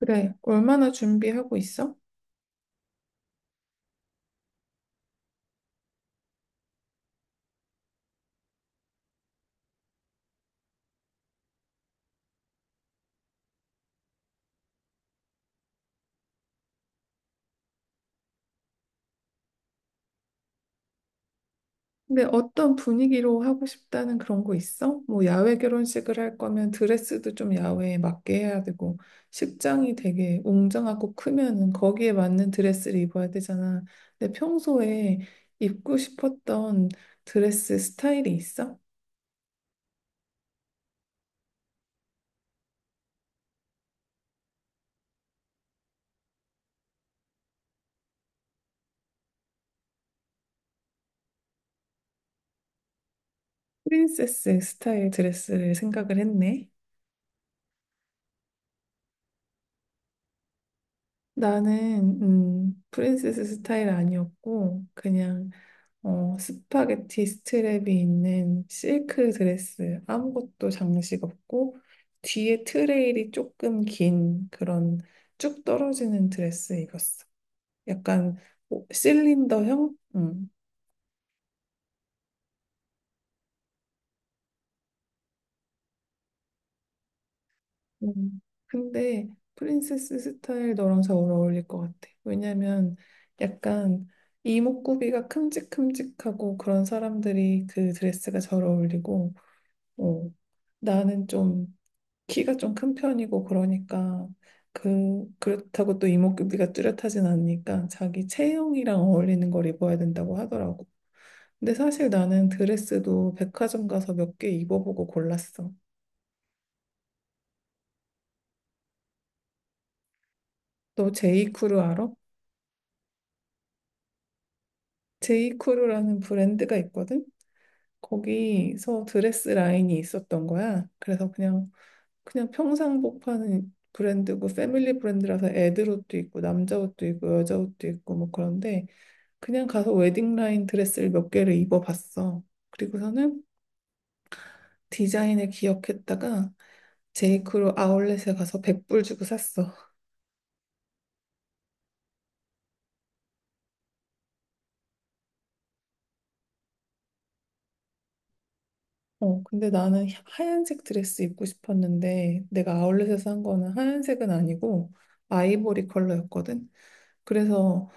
그래, 얼마나 준비하고 있어? 근데 어떤 분위기로 하고 싶다는 그런 거 있어? 뭐 야외 결혼식을 할 거면 드레스도 좀 야외에 맞게 해야 되고, 식장이 되게 웅장하고 크면은 거기에 맞는 드레스를 입어야 되잖아. 근데 평소에 입고 싶었던 드레스 스타일이 있어? 프린세스 스타일 드레스를 생각을 했네. 나는 프린세스 스타일 아니었고 그냥 스파게티 스트랩이 있는 실크 드레스, 아무것도 장식 없고, 뒤에 트레일이 조금 긴 그런 쭉 떨어지는 드레스 입었어. 약간 실린더형? 음. 음. 근데 프린세스 스타일 너랑 잘 어울릴 것 같아. 왜냐면 약간 이목구비가 큼직큼직하고 그런 사람들이 그 드레스가 잘 어울리고, 어, 나는 좀 키가 좀 큰 편이고 그러니까 그렇다고 또 이목구비가 뚜렷하진 않으니까 자기 체형이랑 어울리는 걸 입어야 된다고 하더라고. 근데 사실 나는 드레스도 백화점 가서 몇 개 입어보고 골랐어. 너 제이크루 알아? 제이크루라는 브랜드가 있거든. 거기서 드레스 라인이 있었던 거야. 그래서 그냥 평상복 파는 브랜드고 패밀리 브랜드라서 애들 옷도 있고 남자 옷도 있고 여자 옷도 있고 뭐 그런데 그냥 가서 웨딩라인 드레스를 몇 개를 입어봤어. 그리고서는 디자인을 기억했다가 제이크로 아울렛에 가서 100불 주고 샀어. 근데 나는 하얀색 드레스 입고 싶었는데 내가 아울렛에서 산 거는 하얀색은 아니고 아이보리 컬러였거든. 그래서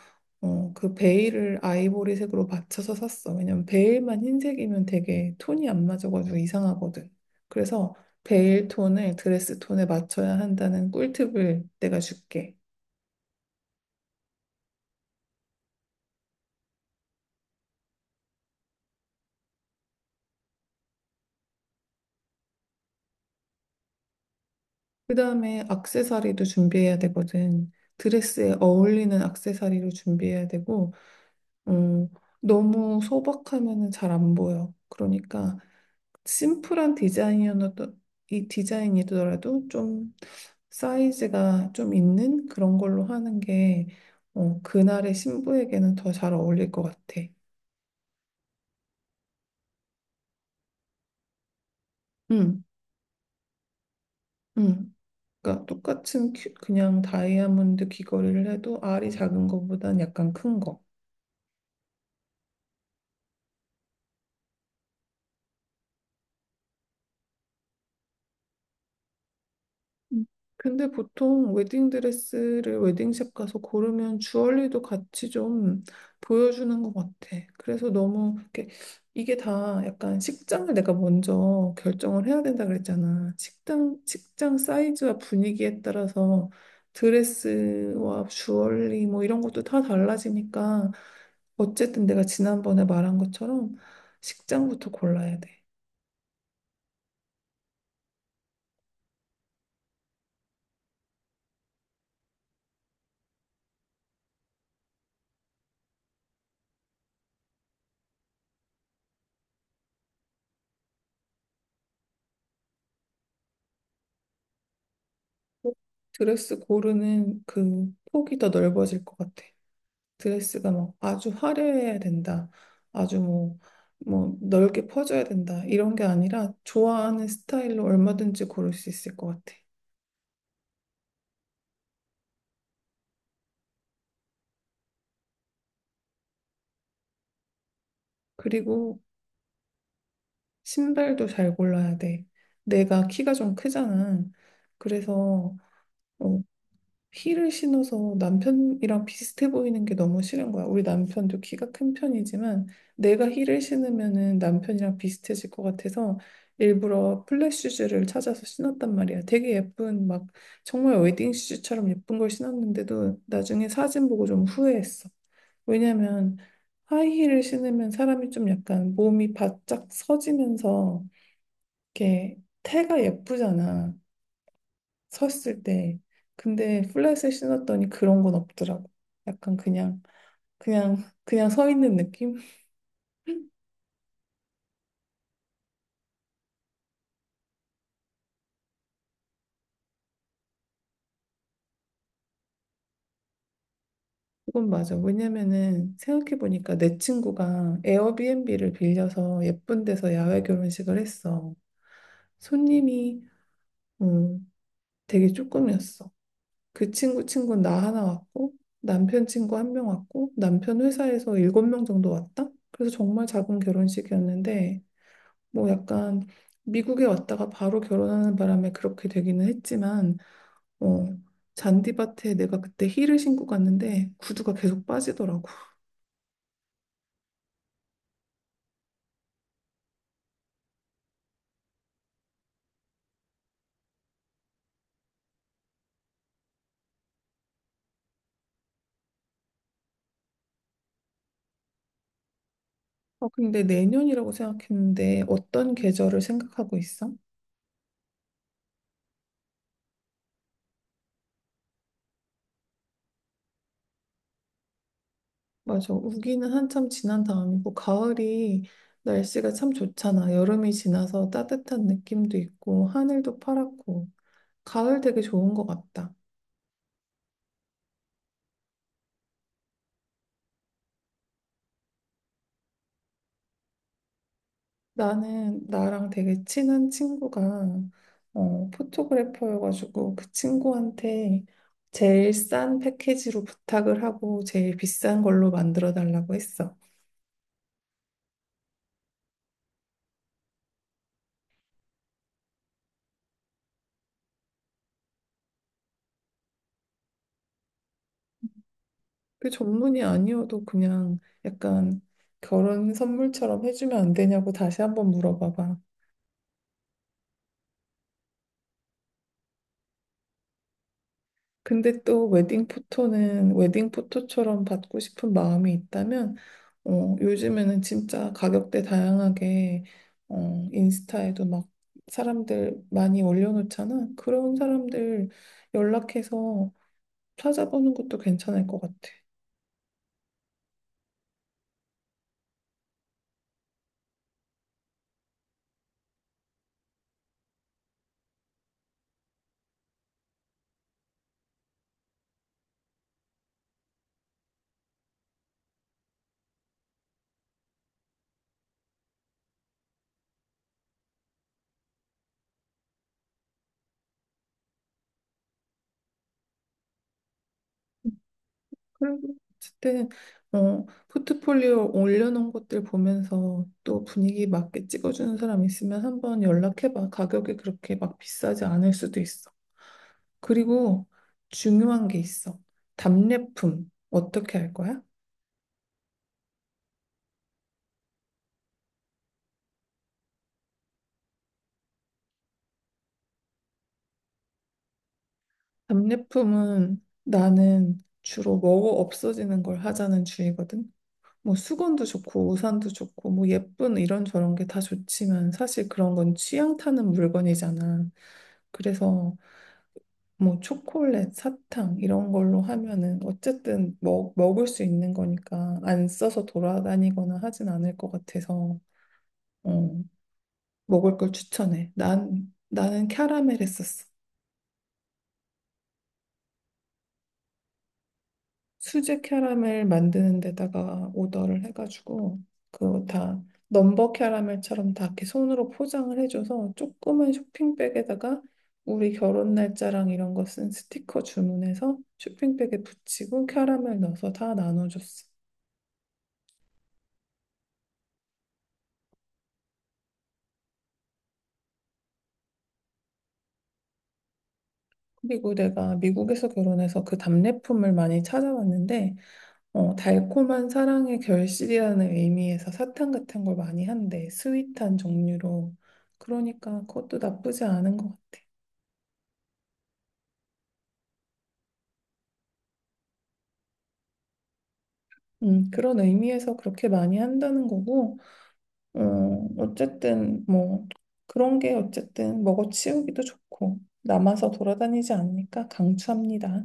그 베일을 아이보리색으로 맞춰서 샀어. 왜냐면 베일만 흰색이면 되게 톤이 안 맞아가지고 이상하거든. 그래서 베일 톤을 드레스 톤에 맞춰야 한다는 꿀팁을 내가 줄게. 그 다음에 액세서리도 준비해야 되거든. 드레스에 어울리는 액세서리를 준비해야 되고, 음, 너무 소박하면은 잘 안 보여. 그러니까 심플한 디자인이어도 이 디자인이더라도 좀 사이즈가 좀 있는 그런 걸로 하는 게 그날의 신부에게는 더 잘 어울릴 것 같아. 응, 응. 그러니까 똑같은 그냥 다이아몬드 귀걸이를 해도 알이 작은 것보단 약간 큰 거. 음. 근데 보통 웨딩 드레스를 웨딩샵 가서 고르면 주얼리도 같이 좀 보여주는 것 같아. 그래서 너무 이렇게 이게 다 약간 식장을 내가 먼저 결정을 해야 된다 그랬잖아. 식당, 식장 사이즈와 분위기에 따라서 드레스와 주얼리 뭐 이런 것도 다 달라지니까 어쨌든 내가 지난번에 말한 것처럼 식장부터 골라야 돼. 드레스 고르는 그 폭이 더 넓어질 것 같아. 드레스가 막 아주 화려해야 된다. 아주 뭐 넓게 퍼져야 된다. 이런 게 아니라 좋아하는 스타일로 얼마든지 고를 수 있을 것 같아. 그리고 신발도 잘 골라야 돼. 내가 키가 좀 크잖아. 그래서 어, 힐을 신어서 남편이랑 비슷해 보이는 게 너무 싫은 거야. 우리 남편도 키가 큰 편이지만 내가 힐을 신으면은 남편이랑 비슷해질 것 같아서 일부러 플랫 슈즈를 찾아서 신었단 말이야. 되게 예쁜 막 정말 웨딩 슈즈처럼 예쁜 걸 신었는데도 나중에 사진 보고 좀 후회했어. 왜냐면 하이힐을 신으면 사람이 좀 약간 몸이 바짝 서지면서 이렇게 태가 예쁘잖아. 섰을 때. 근데 플랫을 신었더니 그런 건 없더라고. 약간 그냥, 그냥 서 있는 느낌? 그건 맞아. 왜냐면은 생각해보니까 내 친구가 에어비앤비를 빌려서 예쁜 데서 야외 결혼식을 했어. 손님이 음, 되게 조금이었어. 그 친구 친구는 나 하나 왔고, 남편 친구 한 명 왔고, 남편 회사에서 일곱 명 정도 왔다? 그래서 정말 작은 결혼식이었는데, 뭐 약간 미국에 왔다가 바로 결혼하는 바람에 그렇게 되기는 했지만, 어, 잔디밭에 내가 그때 힐을 신고 갔는데 구두가 계속 빠지더라고. 근데 내년이라고 생각했는데 어떤 계절을 생각하고 있어? 맞아. 우기는 한참 지난 다음이고 가을이 날씨가 참 좋잖아. 여름이 지나서 따뜻한 느낌도 있고 하늘도 파랗고 가을 되게 좋은 것 같다. 나는 나랑 되게 친한 친구가 포토그래퍼여가지고 그 친구한테 제일 싼 패키지로 부탁을 하고 제일 비싼 걸로 만들어 달라고 했어. 그 전문이 아니어도 그냥 약간 결혼 선물처럼 해주면 안 되냐고 다시 한번 물어봐봐. 근데 또 웨딩 포토는 웨딩 포토처럼 받고 싶은 마음이 있다면 요즘에는 진짜 가격대 다양하게 인스타에도 막 사람들 많이 올려놓잖아. 그런 사람들 연락해서 찾아보는 것도 괜찮을 것 같아. 그리고 어쨌든 포트폴리오 올려놓은 것들 보면서 또 분위기 맞게 찍어주는 사람 있으면 한번 연락해봐. 가격이 그렇게 막 비싸지 않을 수도 있어. 그리고 중요한 게 있어. 답례품. 어떻게 할 거야? 답례품은 나는 주로 먹어 없어지는 걸 하자는 주의거든. 뭐 수건도 좋고 우산도 좋고 뭐 예쁜 이런 저런 게 다 좋지만 사실 그런 건 취향 타는 물건이잖아. 그래서 뭐 초콜릿, 사탕 이런 걸로 하면은 어쨌든 먹을 수 있는 거니까 안 써서 돌아다니거나 하진 않을 것 같아서 어, 먹을 걸 추천해. 나는 캐러멜 했었어. 수제 캐러멜 만드는 데다가 오더를 해가지고, 그거 다 넘버 캐러멜처럼 다 이렇게 손으로 포장을 해줘서 조그만 쇼핑백에다가 우리 결혼 날짜랑 이런 거 쓴 스티커 주문해서 쇼핑백에 붙이고 캐러멜 넣어서 다 나눠줬어. 그리고 내가 미국에서 결혼해서 그 답례품을 많이 찾아왔는데 달콤한 사랑의 결실이라는 의미에서 사탕 같은 걸 많이 한대. 스윗한 종류로. 그러니까 그것도 나쁘지 않은 것 같아. 그런 의미에서 그렇게 많이 한다는 거고, 어, 어쨌든 뭐 그런 게 어쨌든 먹어 치우기도 좋고 남아서 돌아다니지 않으니까 강추합니다.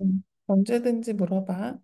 언제든지 물어봐.